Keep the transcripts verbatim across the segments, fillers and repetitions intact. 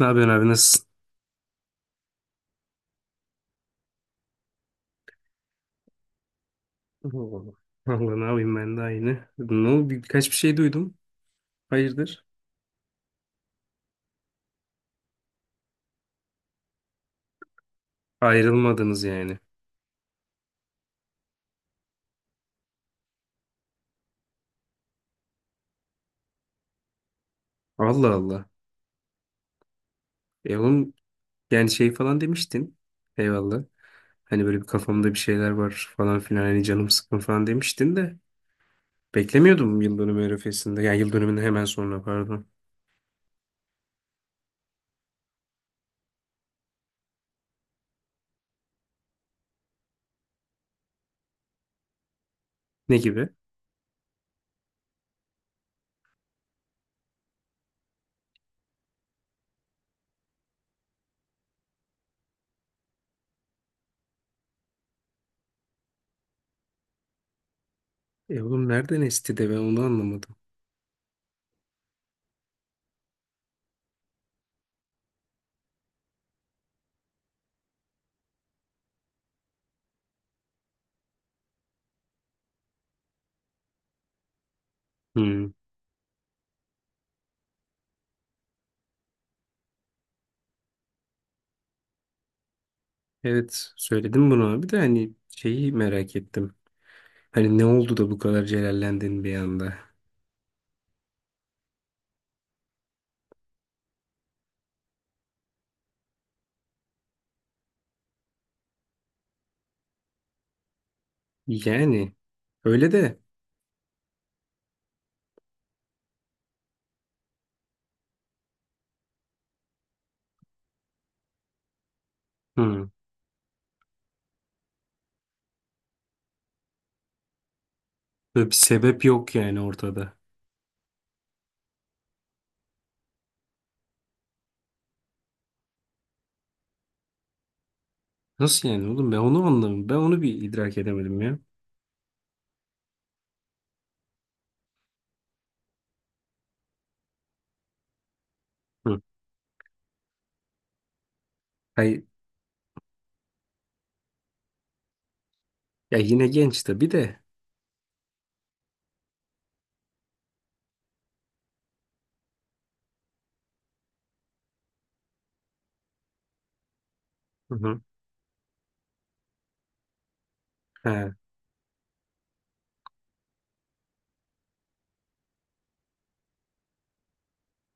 Ne yapıyorsun abi nasılsın? Oo. Valla ne yapayım ben de aynı. Ne oldu? Birkaç bir şey duydum. Hayırdır? Ayrılmadınız yani. Allah Allah. E oğlum yani şey falan demiştin. Eyvallah. Hani böyle bir kafamda bir şeyler var falan filan. Hani canım sıkın falan demiştin de. Beklemiyordum yıl dönümü arifesinde. Yani yıl dönümünden hemen sonra pardon. Ne gibi? E oğlum nereden esti de ben onu anlamadım. Hmm. Evet söyledim bunu abi de hani şeyi merak ettim. Hani ne oldu da bu kadar celallendin bir anda? Yani öyle de hı, böyle bir sebep yok yani ortada. Nasıl yani oğlum ben onu anlamadım. Ben onu bir idrak edemedim ya. Hı. Hayır, ya yine genç tabii de. Hı hı. Ha,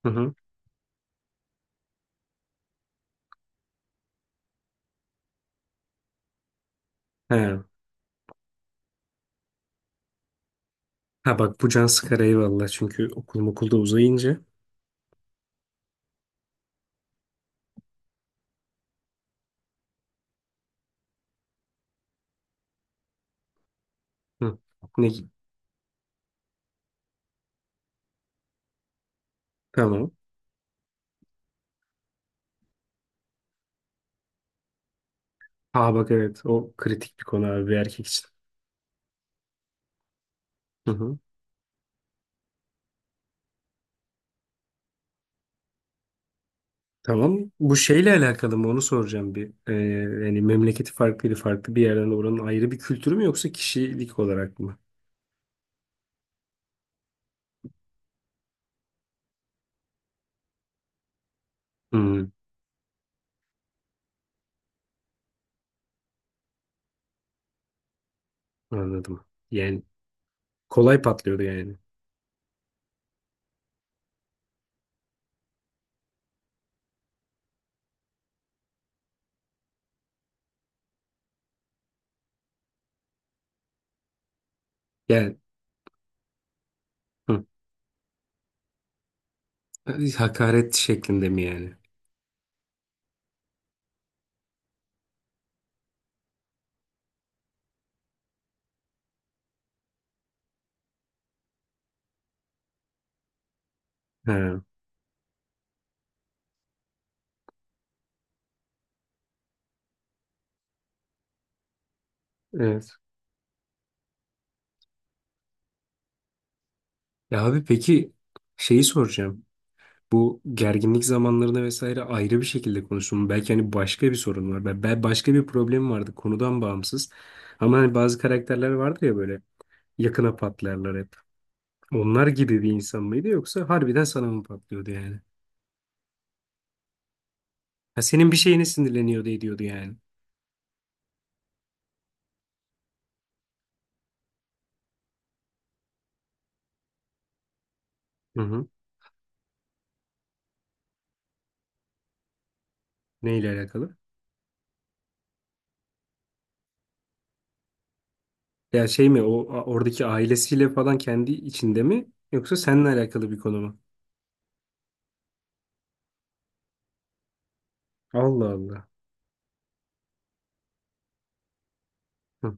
hı hı. Ha. Ha bak bu can sıkar eyvallah çünkü okul okulda uzayınca. Hı. Ne? Tamam. Ha bak evet o kritik bir konu abi bir erkek için. Hı hı. Tamam. Bu şeyle alakalı mı onu soracağım bir. Ee, yani memleketi farklıydı farklı bir yerden oranın ayrı bir kültürü mü yoksa kişilik olarak mı? Hı. Anladım. Yani kolay patlıyordu yani. Yani hı. Hakaret şeklinde mi yani? Ha, evet. Ya abi peki şeyi soracağım. Bu gerginlik zamanlarında vesaire ayrı bir şekilde konuştum. Belki hani başka bir sorun var. Ben, ben başka bir problem vardı konudan bağımsız. Ama hani bazı karakterler vardır ya böyle yakına patlarlar hep. Onlar gibi bir insan mıydı yoksa harbiden sana mı patlıyordu yani? Ha, senin bir şeyine sinirleniyordu ediyordu yani. Hı hı. Neyle alakalı? Ya şey mi o oradaki ailesiyle falan kendi içinde mi yoksa seninle alakalı bir konu mu? Allah Allah. Hı.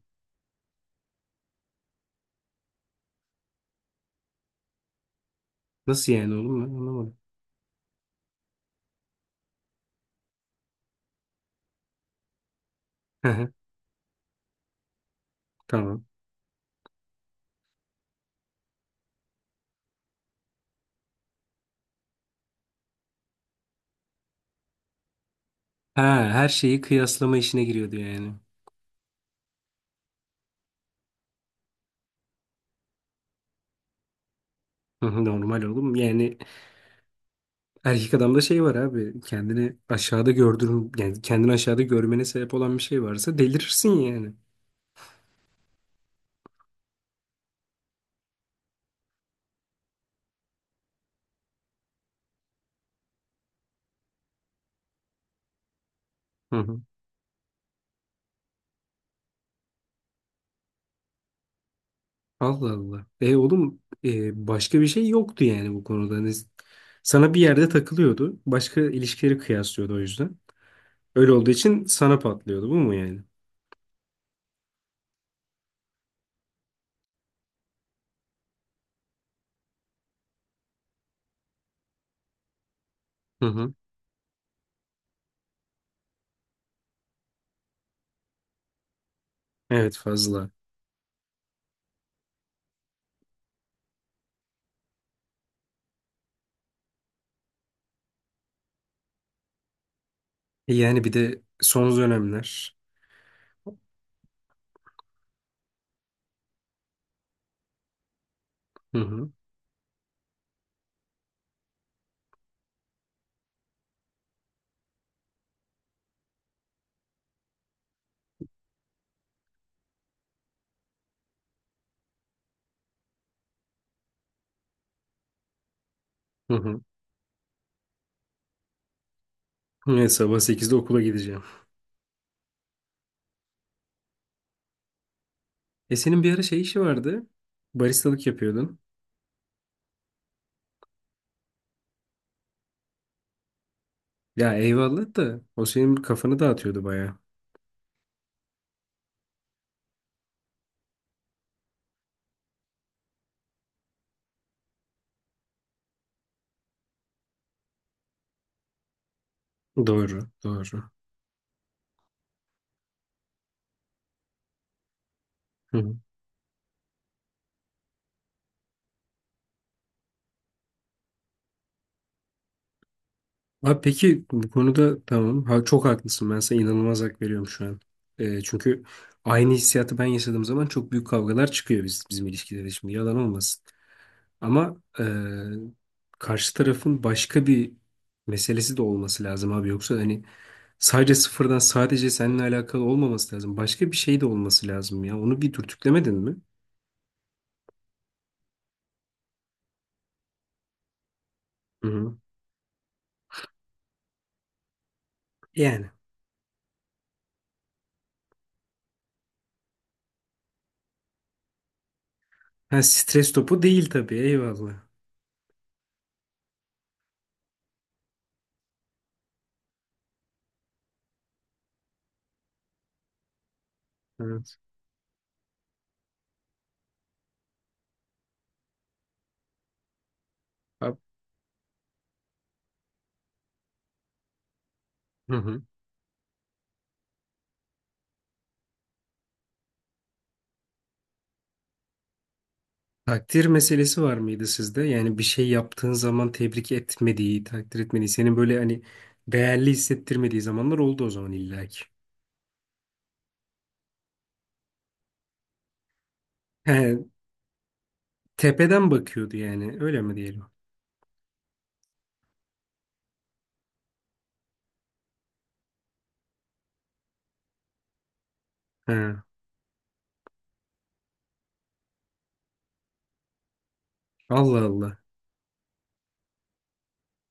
Nasıl yani oğlum ben anlamadım. Hı hı. Tamam. Ha, her şeyi kıyaslama işine giriyordu yani. Hı hı. Normal oğlum yani erkek adamda şey var abi kendini aşağıda gördürün yani kendini aşağıda görmene sebep olan bir şey varsa delirirsin yani. Hı hı. Allah Allah. E oğlum e, başka bir şey yoktu yani bu konuda. Hani sana bir yerde takılıyordu. Başka ilişkileri kıyaslıyordu o yüzden. Öyle olduğu için sana patlıyordu bu mu yani? Hı hı. Evet fazla. E yani bir de son dönemler. Hı hı. Hı hı. Evet, sabah sekizde okula gideceğim. E senin bir ara şey işi vardı. Baristalık yapıyordun. Ya eyvallah da o senin kafanı dağıtıyordu bayağı. Doğru, doğru. Hı hı. Abi peki bu konuda tamam. Ha, çok haklısın. Ben sana inanılmaz hak veriyorum şu an. E, çünkü aynı hissiyatı ben yaşadığım zaman çok büyük kavgalar çıkıyor biz, bizim ilişkilerde şimdi. Yalan olmasın. Ama eee, karşı tarafın başka bir meselesi de olması lazım abi. Yoksa hani sadece sıfırdan sadece seninle alakalı olmaması lazım. Başka bir şey de olması lazım ya. Onu bir dürtüklemedin mi? Hı hı. Yani. Ha, stres topu değil tabii. Eyvallah. Evet. Abi- Hı hı. Takdir meselesi var mıydı sizde? Yani bir şey yaptığın zaman tebrik etmediği, takdir etmediği, senin böyle hani değerli hissettirmediği zamanlar oldu o zaman illaki. He, tepeden bakıyordu yani. Öyle mi diyelim? He. Allah Allah.